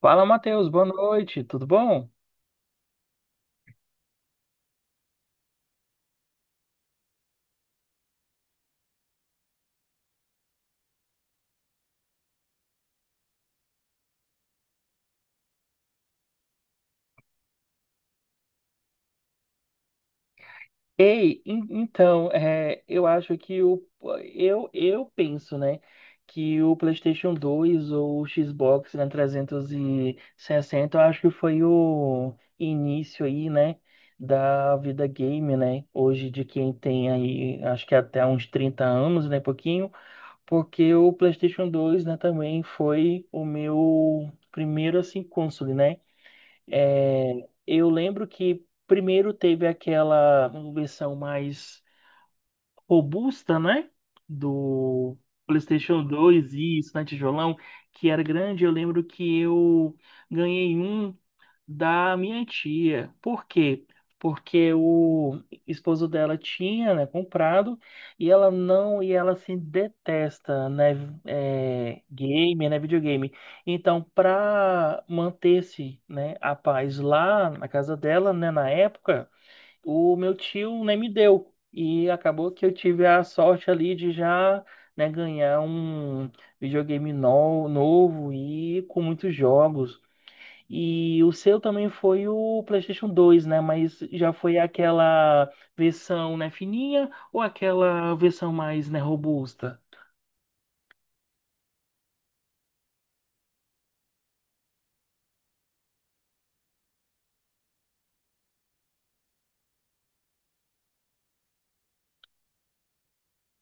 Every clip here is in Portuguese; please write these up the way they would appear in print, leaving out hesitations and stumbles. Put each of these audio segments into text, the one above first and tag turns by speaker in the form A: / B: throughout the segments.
A: Fala, Matheus, boa noite, tudo bom? Ei, en- então, é, eu acho que o. Eu penso, né? Que o PlayStation 2 ou o Xbox, né, 360, eu acho que foi o início aí, né? Da vida game, né? Hoje de quem tem aí, acho que até uns 30 anos, né? Pouquinho, porque o PlayStation 2, né? Também foi o meu primeiro, assim, console, né? É, eu lembro que primeiro teve aquela versão mais robusta, né? Do PlayStation 2 e isso, né, tijolão, que era grande. Eu lembro que eu ganhei um da minha tia. Por quê? Porque o esposo dela tinha, né, comprado e ela não, e ela se detesta, né, é, game, né, videogame. Então, para manter-se, né, a paz lá na casa dela, né, na época, o meu tio, né, me deu. E acabou que eu tive a sorte ali de já, né, ganhar um videogame novo e com muitos jogos. E o seu também foi o PlayStation 2, né? Mas já foi aquela versão, né, fininha ou aquela versão mais, né, robusta?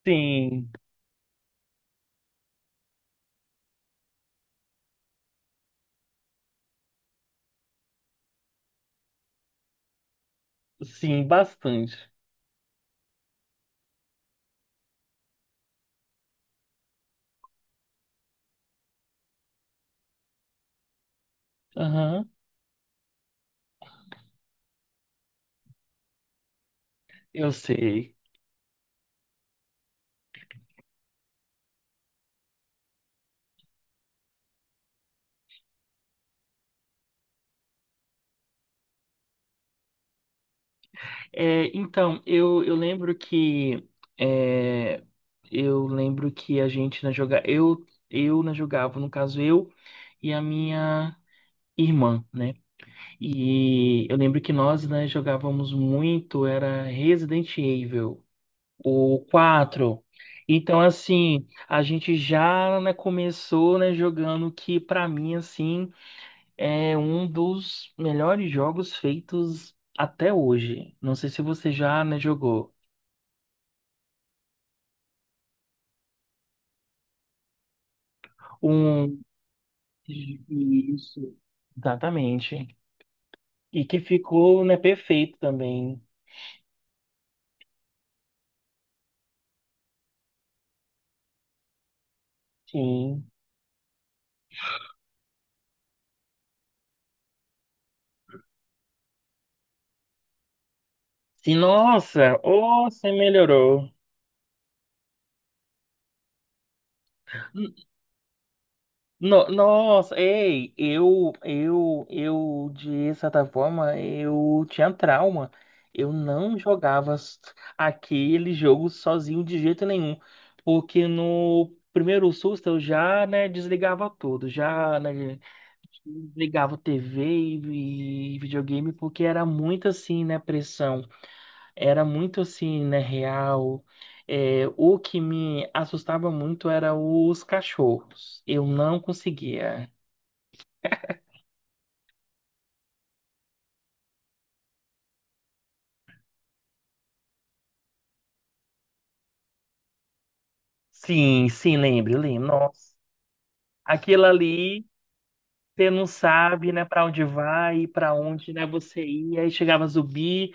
A: Sim, sim, bastante. Aham, eu sei. Eu lembro que é, eu lembro que a gente né, joga, eu né, jogava, no caso eu e a minha irmã, né? E eu lembro que nós né, jogávamos muito, era Resident Evil. O quatro. Então, assim, a gente já, né, começou, né, jogando o que, pra mim, assim, é um dos melhores jogos feitos até hoje. Não sei se você já, né, jogou. Um... Isso. Exatamente. E que ficou, né, perfeito também. Sim. Sim, nossa, oh, você melhorou. Nossa, ei, eu, de certa forma, eu tinha trauma. Eu não jogava aquele jogo sozinho de jeito nenhum, porque no primeiro susto eu já, né, desligava tudo, já, né, desligava TV e videogame, porque era muito assim, né, pressão era muito assim, né, real. É, o que me assustava muito era os cachorros. Eu não conseguia. Sim, sim, lembro, lembro. Nossa, aquilo ali, você não sabe, né, para onde vai, para onde, né, você ia, e chegava zumbi.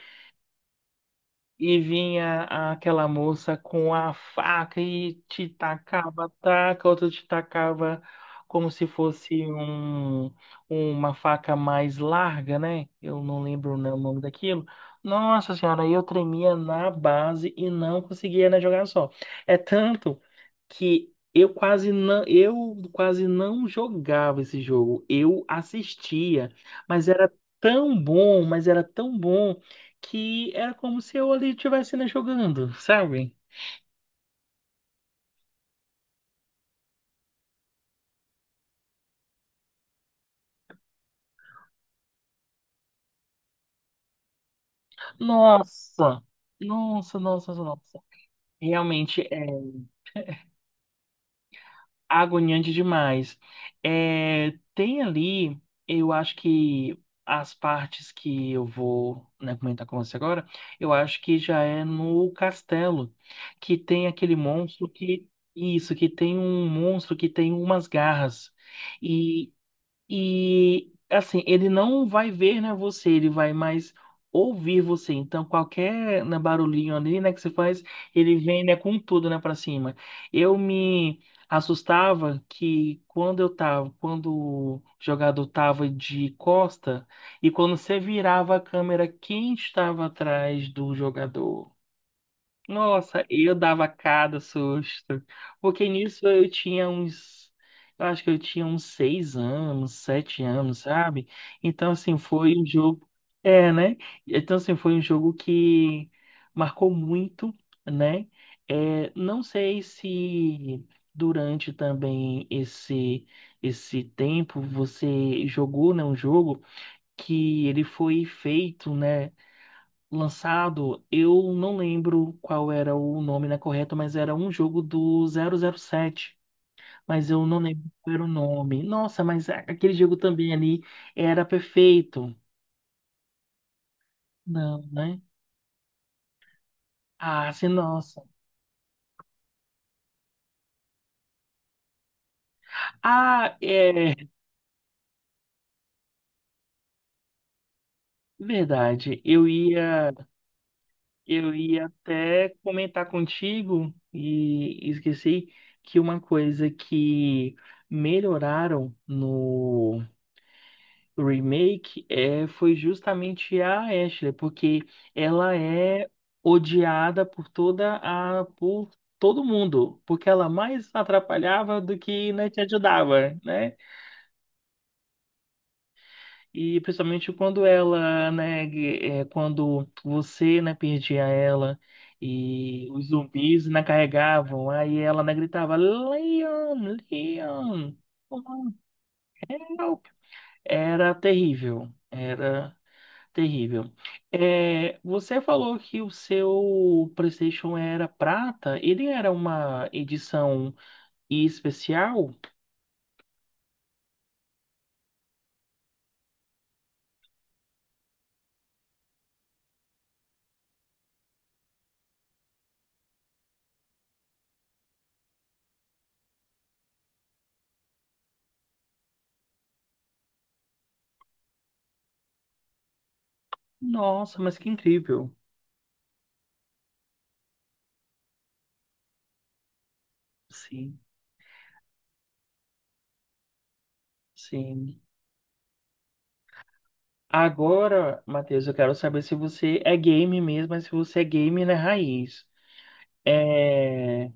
A: E vinha aquela moça com a faca e te tacava, taca, outra te tacava como se fosse um, uma faca mais larga, né? Eu não lembro o nome daquilo. Nossa senhora, eu tremia na base e não conseguia, né, jogar só. É tanto que eu quase não jogava esse jogo. Eu assistia, mas era tão bom, mas era tão bom que era como se eu ali estivesse né, jogando, sabe? Nossa, nossa. Realmente é agoniante demais. É, tem ali, eu acho que as partes que eu vou, né, comentar com você agora, eu acho que já é no castelo, que tem aquele monstro que. Isso, que tem um monstro que tem umas garras. E assim, ele não vai ver, né, você, ele vai mais ouvir você. Então, qualquer né, barulhinho ali, né, que você faz, ele vem, né, com tudo, né, para cima. Eu me assustava que quando eu tava, quando o jogador tava de costa e quando você virava a câmera, quem estava atrás do jogador? Nossa, eu dava cada susto. Porque nisso eu tinha uns. Eu acho que eu tinha uns 6 anos, 7 anos, sabe? Então, assim, foi um jogo. É, né? Então, assim, foi um jogo que marcou muito, né? É, não sei se durante também esse tempo você jogou, né, um jogo que ele foi feito, né? Lançado, eu não lembro qual era o nome, né, correto, mas era um jogo do 007. Mas eu não lembro qual era o nome. Nossa, mas aquele jogo também ali era perfeito. Não, né? Ah, sim, nossa. Ah, é verdade. Eu ia até comentar contigo e esqueci que uma coisa que melhoraram o remake é, foi justamente a Ashley, porque ela é odiada por toda a por todo mundo, porque ela mais atrapalhava do que né, te ajudava, né? E principalmente quando ela, né, é, quando você, né, perdia ela e os zumbis né, carregavam, aí ela, né, gritava Leon, Leon, help! Era terrível, era terrível. É, você falou que o seu PlayStation era prata. Ele era uma edição especial? Nossa, mas que incrível. Sim, sim. Agora, Matheus, eu quero saber se você é game mesmo, mas se você é game na raiz. É.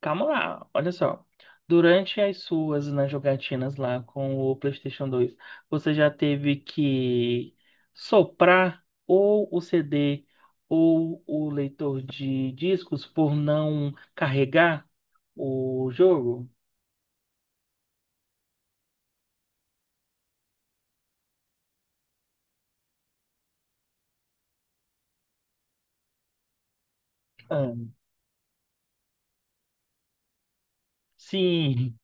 A: Calma lá, olha só. Durante as suas nas jogatinas lá com o PlayStation 2, você já teve que soprar ou o CD ou o leitor de discos por não carregar o jogo? Ah, sim,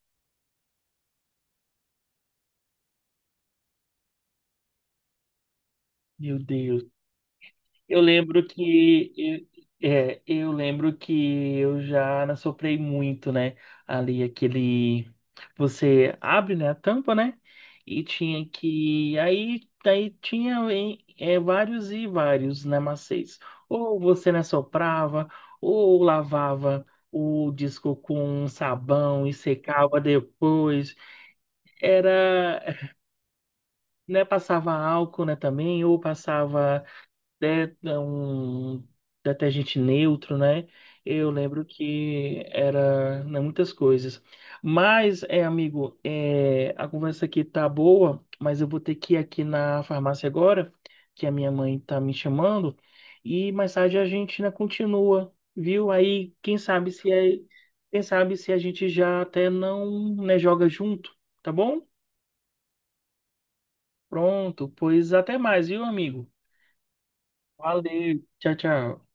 A: meu Deus. Eu lembro que eu lembro que eu já soprei muito, né? Ali aquele você abre, né, a tampa, né? E tinha que aí daí tinha vários e vários né, macês. Ou você né, soprava, ou lavava o disco com sabão e secava depois. Era, né, passava álcool, né, também, ou passava um detergente neutro, né? Eu lembro que era, né, muitas coisas. Mas, é, amigo, é, a conversa aqui tá boa, mas eu vou ter que ir aqui na farmácia agora, que a minha mãe tá me chamando, e mais tarde a gente, né, continua, viu? Aí, quem sabe se a gente já até não, né, joga junto, tá bom? Pronto, pois até mais, viu, amigo? Valeu, tchau, tchau.